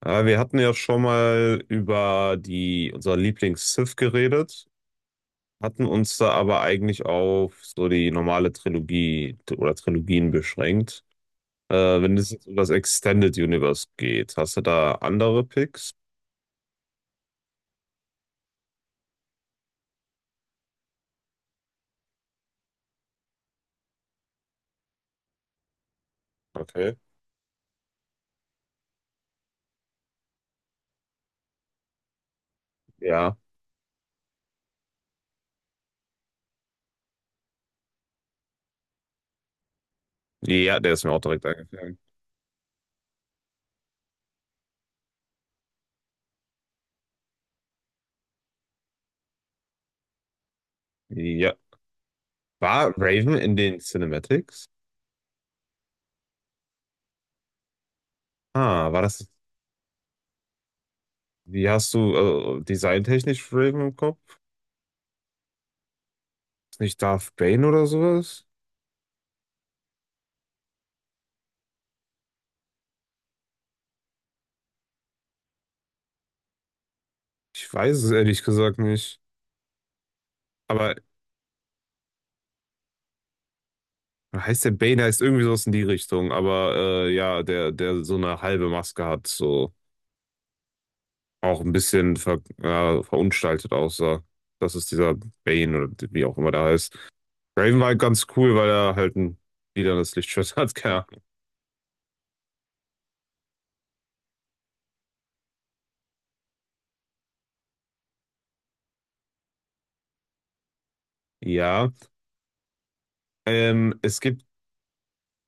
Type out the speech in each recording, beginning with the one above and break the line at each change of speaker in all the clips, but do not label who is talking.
Wir hatten ja schon mal über unser Lieblings-Sith geredet, hatten uns da aber eigentlich auf so die normale Trilogie oder Trilogien beschränkt. Wenn es jetzt um das Extended Universe geht, hast du da andere Picks? Okay. Ja. Ja, der ist mir auch direkt eingefallen. Ja. War Raven in den Cinematics? Ah, war das. Wie hast du designtechnisch Raven im Kopf? Ist nicht Darth Bane oder sowas? Ich weiß es ehrlich gesagt nicht. Aber heißt der Bane, heißt irgendwie sowas in die Richtung, aber ja, der so eine halbe Maske hat, so auch ein bisschen ja, verunstaltet aussah. Das ist dieser Bane oder wie auch immer der heißt. Raven war halt ganz cool, weil er halt ein lilanes Lichtschwert hat, keine Ahnung. Ja, ähm, es gibt,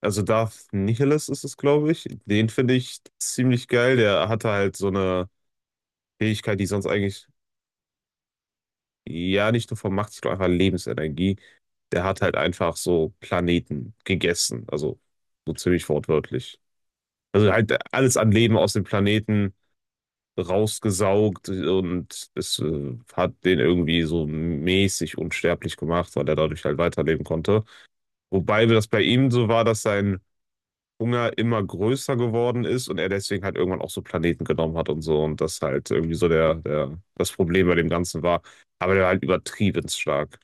also Darth Nihilus ist es, glaube ich. Den finde ich ziemlich geil. Der hatte halt so eine Fähigkeit, die sonst eigentlich, ja, nicht nur von Macht, ich glaube einfach Lebensenergie. Der hat halt einfach so Planeten gegessen, also so ziemlich wortwörtlich. Also halt alles an Leben aus dem Planeten rausgesaugt und es hat den irgendwie so mäßig unsterblich gemacht, weil er dadurch halt weiterleben konnte. Wobei das bei ihm so war, dass sein Hunger immer größer geworden ist und er deswegen halt irgendwann auch so Planeten genommen hat und so und das halt irgendwie so der das Problem bei dem Ganzen war. Aber der war halt übertrieben stark.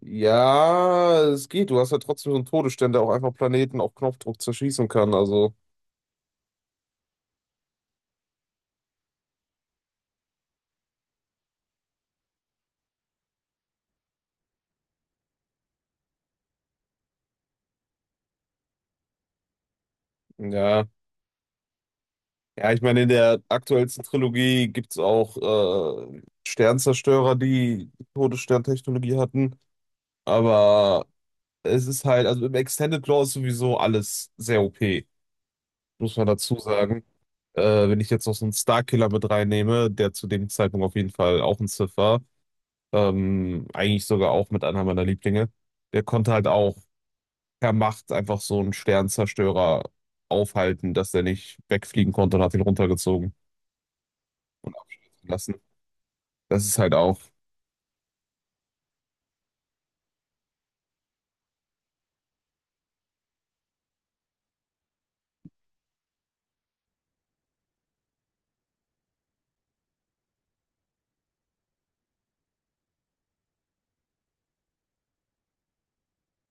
Ja, es geht. Du hast ja trotzdem so einen Todesstern, der auch einfach Planeten auf Knopfdruck zerschießen kann. Also, ja. Ja, ich meine, in der aktuellsten Trilogie gibt es auch Sternzerstörer, die Todessterntechnologie hatten. Aber es ist halt, also im Extended Lore ist sowieso alles sehr OP, muss man dazu sagen. Wenn ich jetzt noch so einen Starkiller mit reinnehme, der zu dem Zeitpunkt auf jeden Fall auch ein Sith war, eigentlich sogar auch mit einer meiner Lieblinge, der konnte halt auch per Macht einfach so einen Sternzerstörer aufhalten, dass der nicht wegfliegen konnte und hat ihn runtergezogen und abstürzen lassen. Das ist halt auch.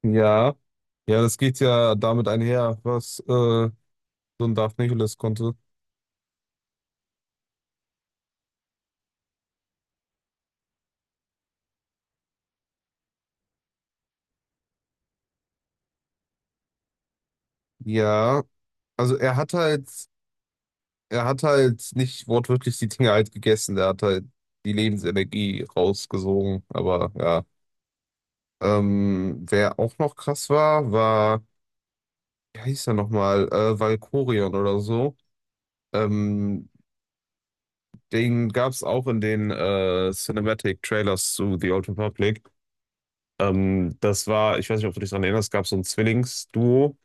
Ja, ja, das geht ja damit einher, was so ein Darth Nihilus konnte. Ja, also er hat halt nicht wortwörtlich die Dinge halt gegessen, er hat halt die Lebensenergie rausgesogen, aber ja. Wer auch noch krass war, wie heißt er nochmal, Valkorion oder so. Ähm, Den gab es auch in den Cinematic Trailers zu The Old Republic. Das war, ich weiß nicht, ob du dich daran erinnerst, gab so ein Zwillingsduo.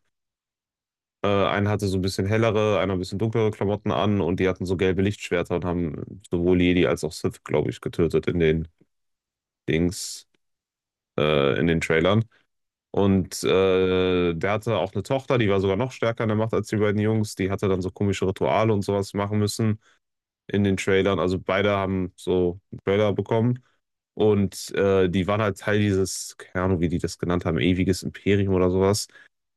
Einer hatte so ein bisschen hellere, einer ein bisschen dunklere Klamotten an und die hatten so gelbe Lichtschwerter und haben sowohl Jedi als auch Sith, glaube ich, getötet in den Dings, in den Trailern. Und der hatte auch eine Tochter, die war sogar noch stärker in der Macht als die beiden Jungs. Die hatte dann so komische Rituale und sowas machen müssen. In den Trailern. Also beide haben so einen Trailer bekommen. Und die waren halt Teil dieses, keine Ahnung, wie die das genannt haben, ewiges Imperium oder sowas.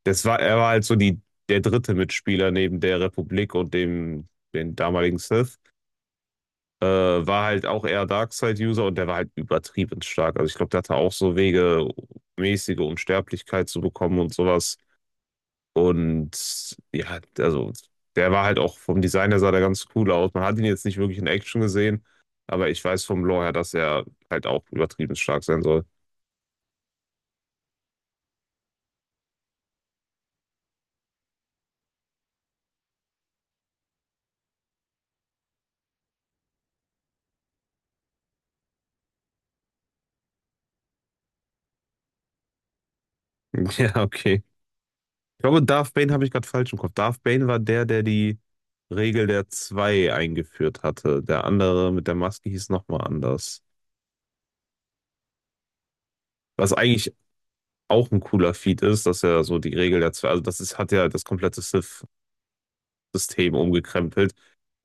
Das er war halt so der dritte Mitspieler neben der Republik und den damaligen Sith. War halt auch eher Darkseid-User und der war halt übertrieben stark. Also ich glaube, der hatte auch so Wege, mäßige Unsterblichkeit zu bekommen und sowas. Und ja, also der war halt auch vom Design her sah der ganz cool aus. Man hat ihn jetzt nicht wirklich in Action gesehen, aber ich weiß vom Lore her, dass er halt auch übertrieben stark sein soll. Ja, okay. Ich glaube, Darth Bane habe ich gerade falsch im Kopf. Darth Bane war der, der die Regel der zwei eingeführt hatte. Der andere mit der Maske hieß nochmal anders. Was eigentlich auch ein cooler Feat ist, dass er so die Regel der zwei, also das ist, hat ja das komplette Sith-System umgekrempelt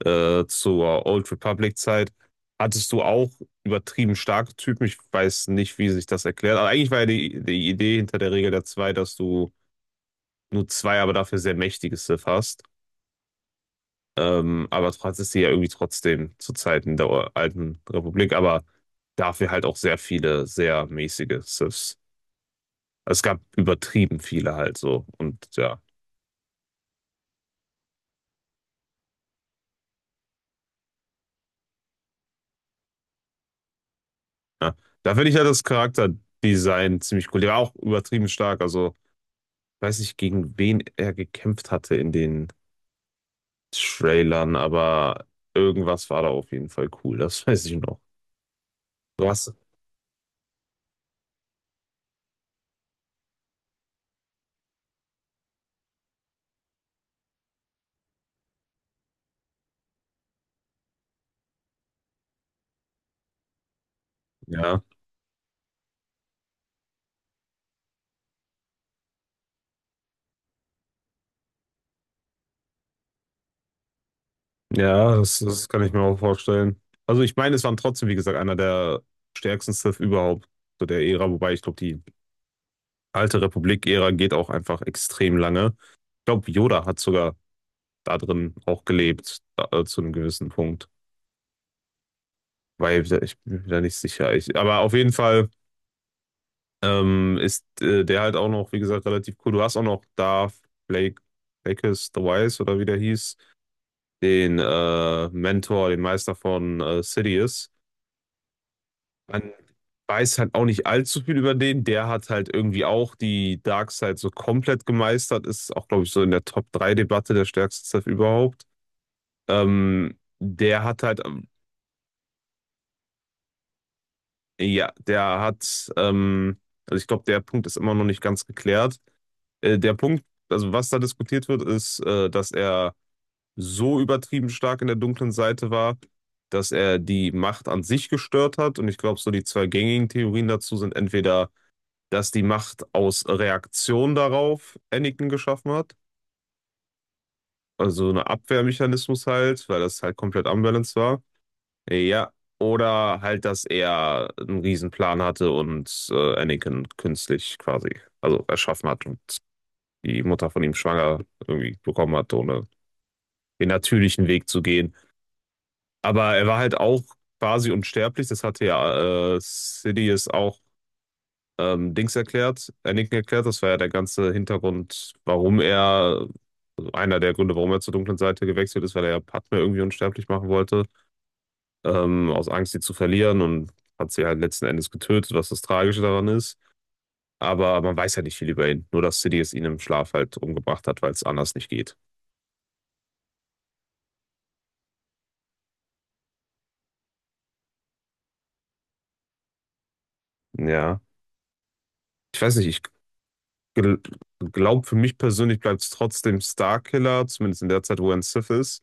zur Old Republic-Zeit, hattest du auch übertrieben starke Typen. Ich weiß nicht, wie sich das erklärt. Aber eigentlich war ja die Idee hinter der Regel der zwei, dass du nur zwei, aber dafür sehr mächtige Sith hast. Aber du hattest sie ja irgendwie trotzdem zu Zeiten der alten Republik, aber dafür halt auch sehr viele, sehr mäßige Siths. Also es gab übertrieben viele halt so. Und ja, ja. Da finde ich ja das Charakterdesign ziemlich cool. Der war auch übertrieben stark. Also weiß nicht, gegen wen er gekämpft hatte in den Trailern, aber irgendwas war da auf jeden Fall cool, das weiß ich noch. Du hast, ja, ja, das kann ich mir auch vorstellen. Also ich meine, es waren trotzdem, wie gesagt, einer der stärksten Sith überhaupt zu der Ära, wobei ich glaube, die alte Republik-Ära geht auch einfach extrem lange. Ich glaube, Yoda hat sogar da drin auch gelebt, zu einem gewissen Punkt. Weil ich bin mir da nicht sicher. Ich, aber auf jeden Fall. Ist der halt auch noch, wie gesagt, relativ cool. Du hast auch noch Darth Blake, Blakes the Wise oder wie der hieß, den Mentor, den Meister von Sidious. Man weiß halt auch nicht allzu viel über den. Der hat halt irgendwie auch die Darkseid so komplett gemeistert. Ist auch, glaube ich, so in der top drei debatte der stärkste Sith überhaupt. Ähm, der hat halt, ähm, ja, also ich glaube, der Punkt ist immer noch nicht ganz geklärt. Äh, der Punkt, also was da diskutiert wird, dass er so übertrieben stark in der dunklen Seite war, dass er die Macht an sich gestört hat. Und ich glaube, so die zwei gängigen Theorien dazu sind entweder, dass die Macht aus Reaktion darauf Anakin geschaffen hat, also eine Abwehrmechanismus halt, weil das halt komplett unbalanced war. Ja, oder halt, dass er einen Riesenplan hatte und Anakin künstlich quasi, also erschaffen hat und die Mutter von ihm schwanger irgendwie bekommen hat, ohne den natürlichen Weg zu gehen. Aber er war halt auch quasi unsterblich, das hatte ja Sidious auch Dings erklärt, Anakin erklärt, das war ja der ganze Hintergrund, einer der Gründe, warum er zur dunklen Seite gewechselt ist, weil er ja Padme irgendwie unsterblich machen wollte, aus Angst, sie zu verlieren und hat sie halt letzten Endes getötet, was das Tragische daran ist. Aber man weiß ja nicht viel über ihn, nur dass Sidious ihn im Schlaf halt umgebracht hat, weil es anders nicht geht. Ja, ich weiß nicht, ich gel glaube, für mich persönlich bleibt es trotzdem Starkiller, zumindest in der Zeit, wo er ein Sith ist,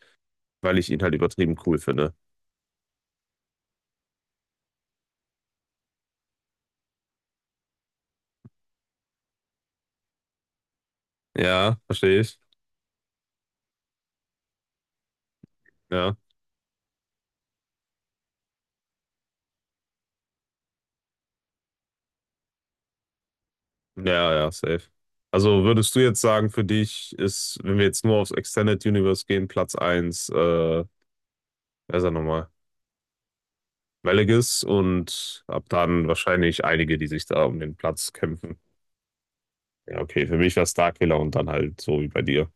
weil ich ihn halt übertrieben cool finde. Ja, verstehe ich. Ja, ja, ja, safe. Also würdest du jetzt sagen, für dich ist, wenn wir jetzt nur aufs Extended Universe gehen, Platz eins wer ist er nochmal? Velegis und ab dann wahrscheinlich einige, die sich da um den Platz kämpfen. Ja, okay, für mich war Starkiller und dann halt so wie bei dir.